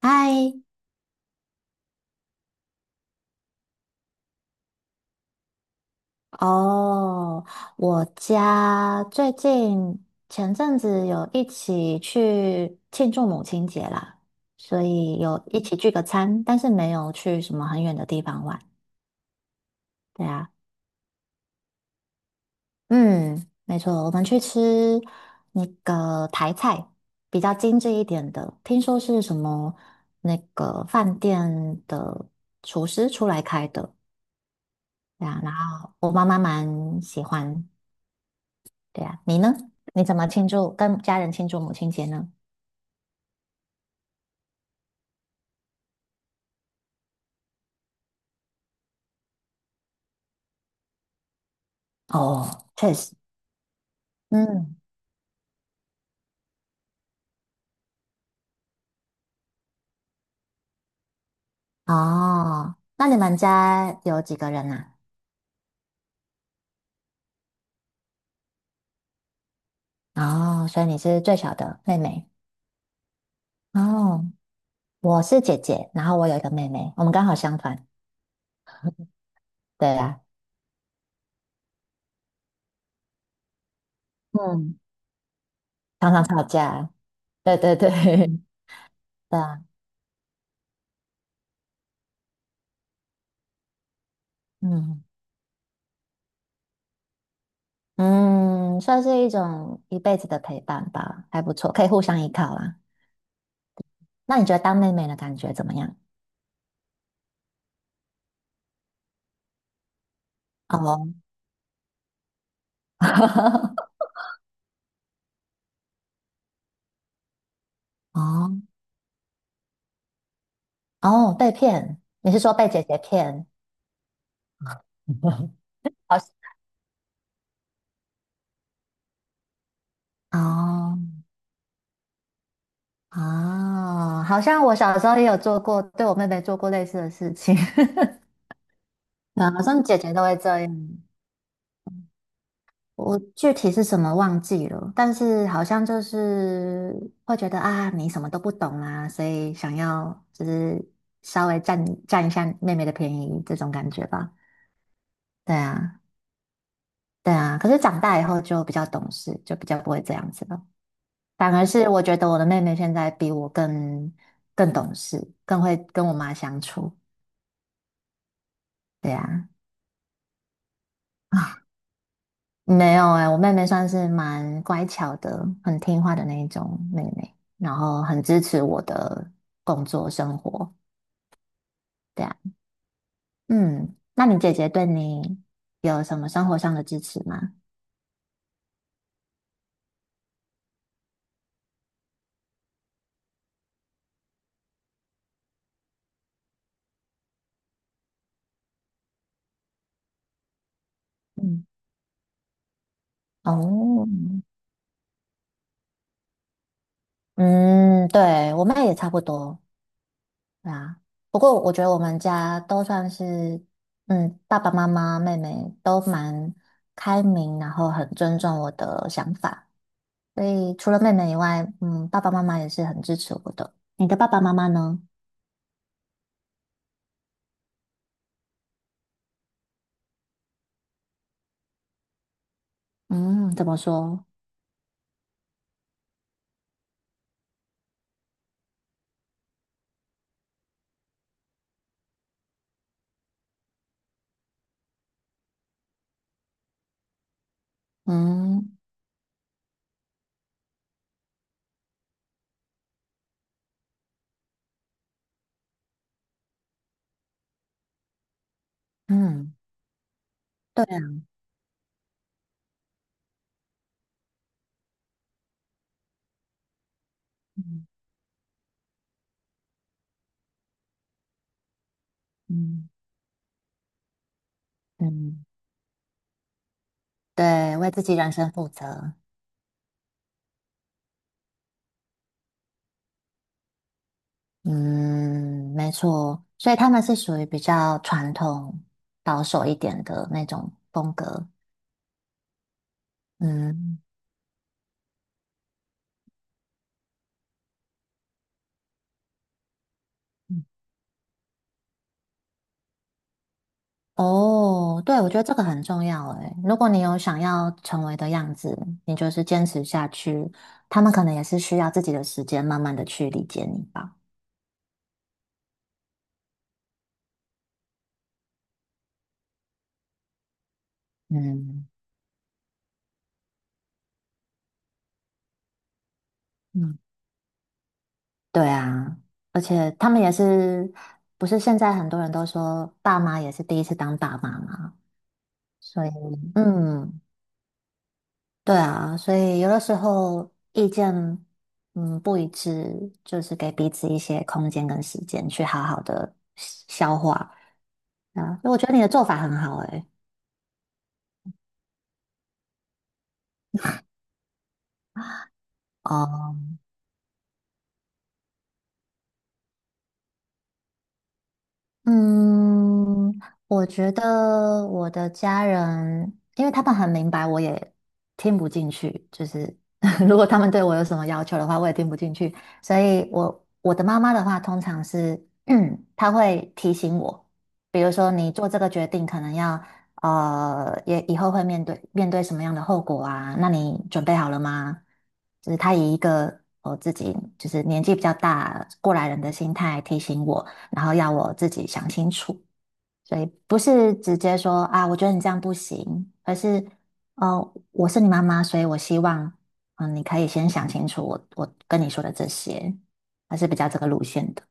嗨，哦，我家最近前阵子有一起去庆祝母亲节啦，所以有一起聚个餐，但是没有去什么很远的地方玩。对啊，嗯，没错，我们去吃那个台菜，比较精致一点的，听说是什么那个饭店的厨师出来开的，对啊，然后我妈妈蛮喜欢，对啊，你呢？你怎么庆祝？跟家人庆祝母亲节呢？哦，确实，嗯，哦，那你们家有几个人啊？哦，所以你是最小的妹妹。哦，我是姐姐，然后我有一个妹妹，我们刚好相反。对啊，嗯，常常吵架。对对对，对啊，嗯嗯，算是一种一辈子的陪伴吧，还不错，可以互相依靠啦。那你觉得当妹妹的感觉怎么样？哦，哦，哦，被骗，你是说被姐姐骗 好哦啊，好像我小时候也有做过，对我妹妹做过类似的事情，啊，好像姐姐都会这样。我具体是什么忘记了，但是好像就是会觉得啊，你什么都不懂啊，所以想要就是稍微占占一下妹妹的便宜这种感觉吧。对啊，对啊。可是长大以后就比较懂事，就比较不会这样子了。反而是我觉得我的妹妹现在比我更懂事，更会跟我妈相处。对呀，啊 没有哎、我妹妹算是蛮乖巧的，很听话的那一种妹妹，然后很支持我的工作生活。对啊，嗯，那你姐姐对你有什么生活上的支持吗？嗯，哦，嗯，对，我妹也差不多。对啊，不过我觉得我们家都算是，嗯，爸爸妈妈、妹妹都蛮开明，然后很尊重我的想法，所以除了妹妹以外，嗯，爸爸妈妈也是很支持我的。你的爸爸妈妈呢？嗯，怎么说？嗯嗯，对啊，嗯嗯，对，为自己人生负责。嗯，没错，所以他们是属于比较传统、保守一点的那种风格。嗯。哦，对，我觉得这个很重要诶。如果你有想要成为的样子，你就是坚持下去，他们可能也是需要自己的时间，慢慢的去理解你吧。嗯嗯，对啊，而且他们也是，不是现在很多人都说爸妈也是第一次当爸妈嘛，所以嗯，对啊，所以有的时候意见不一致，就是给彼此一些空间跟时间去好好的消化啊。我觉得你的做法很好诶、哦，嗯，我觉得我的家人，因为他们很明白，我也听不进去。就是 如果他们对我有什么要求的话，我也听不进去。所以我的妈妈的话，通常是，她会提醒我，比如说你做这个决定，可能要也以后会面对什么样的后果啊？那你准备好了吗？就是她以一个我自己就是年纪比较大过来人的心态提醒我。然后要我自己想清楚，所以不是直接说啊，我觉得你这样不行，而是我是你妈妈，所以我希望你可以先想清楚我跟你说的这些，还是比较这个路线的。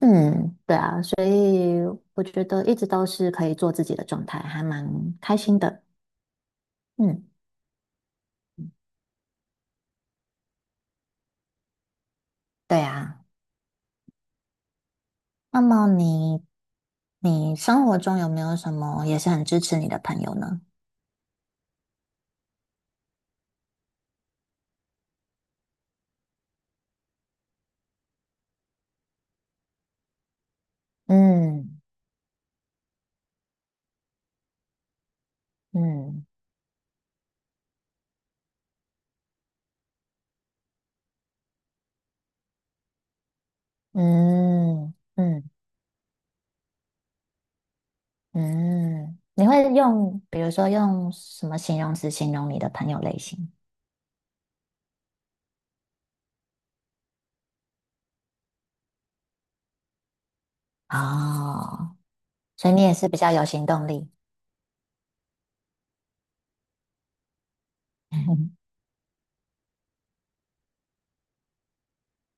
嗯，对啊，所以我觉得一直都是可以做自己的状态，还蛮开心的。嗯，对啊。那么你生活中有没有什么也是很支持你的朋友呢？嗯嗯嗯嗯。嗯，你会用，比如说用什么形容词形容你的朋友类型？哦，所以你也是比较有行动力。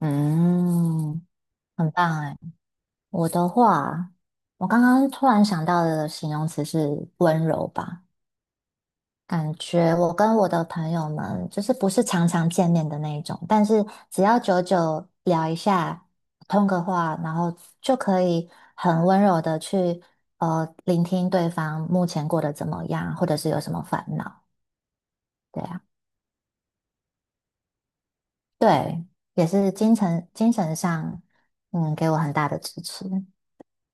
嗯，很棒哎。我的话，我刚刚突然想到的形容词是温柔吧。感觉我跟我的朋友们就是不是常常见面的那一种，但是只要久久聊一下，通个话，然后就可以很温柔的去聆听对方目前过得怎么样，或者是有什么烦恼。对啊，对，也是精神上嗯给我很大的支持，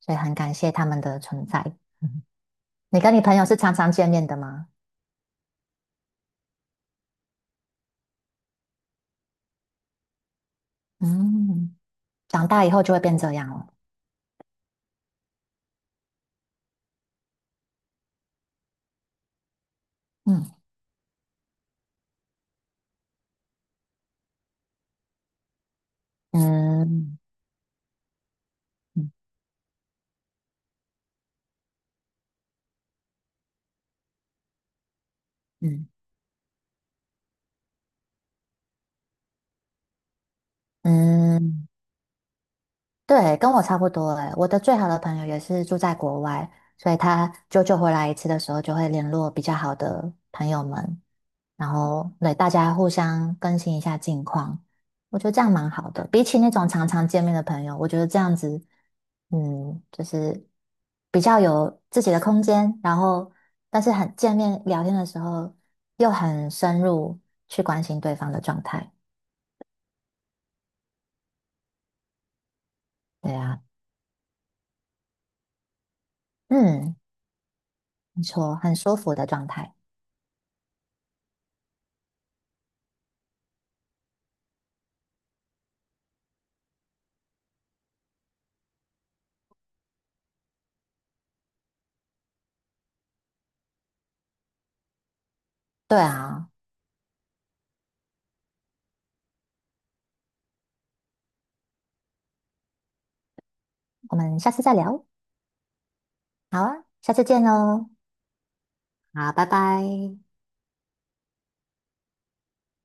所以很感谢他们的存在。嗯你跟你朋友是常常见面的吗？嗯，长大以后就会变这样了。嗯嗯。嗯嗯，对，跟我差不多诶。我的最好的朋友也是住在国外，所以他久久回来一次的时候，就会联络比较好的朋友们，然后对大家互相更新一下近况。我觉得这样蛮好的，比起那种常常见面的朋友，我觉得这样子，嗯，就是比较有自己的空间，然后但是很见面聊天的时候又很深入去关心对方的状态。对啊，嗯。没错，很舒服的状态。对啊，我们下次再聊。好啊，下次见喽。好，拜拜。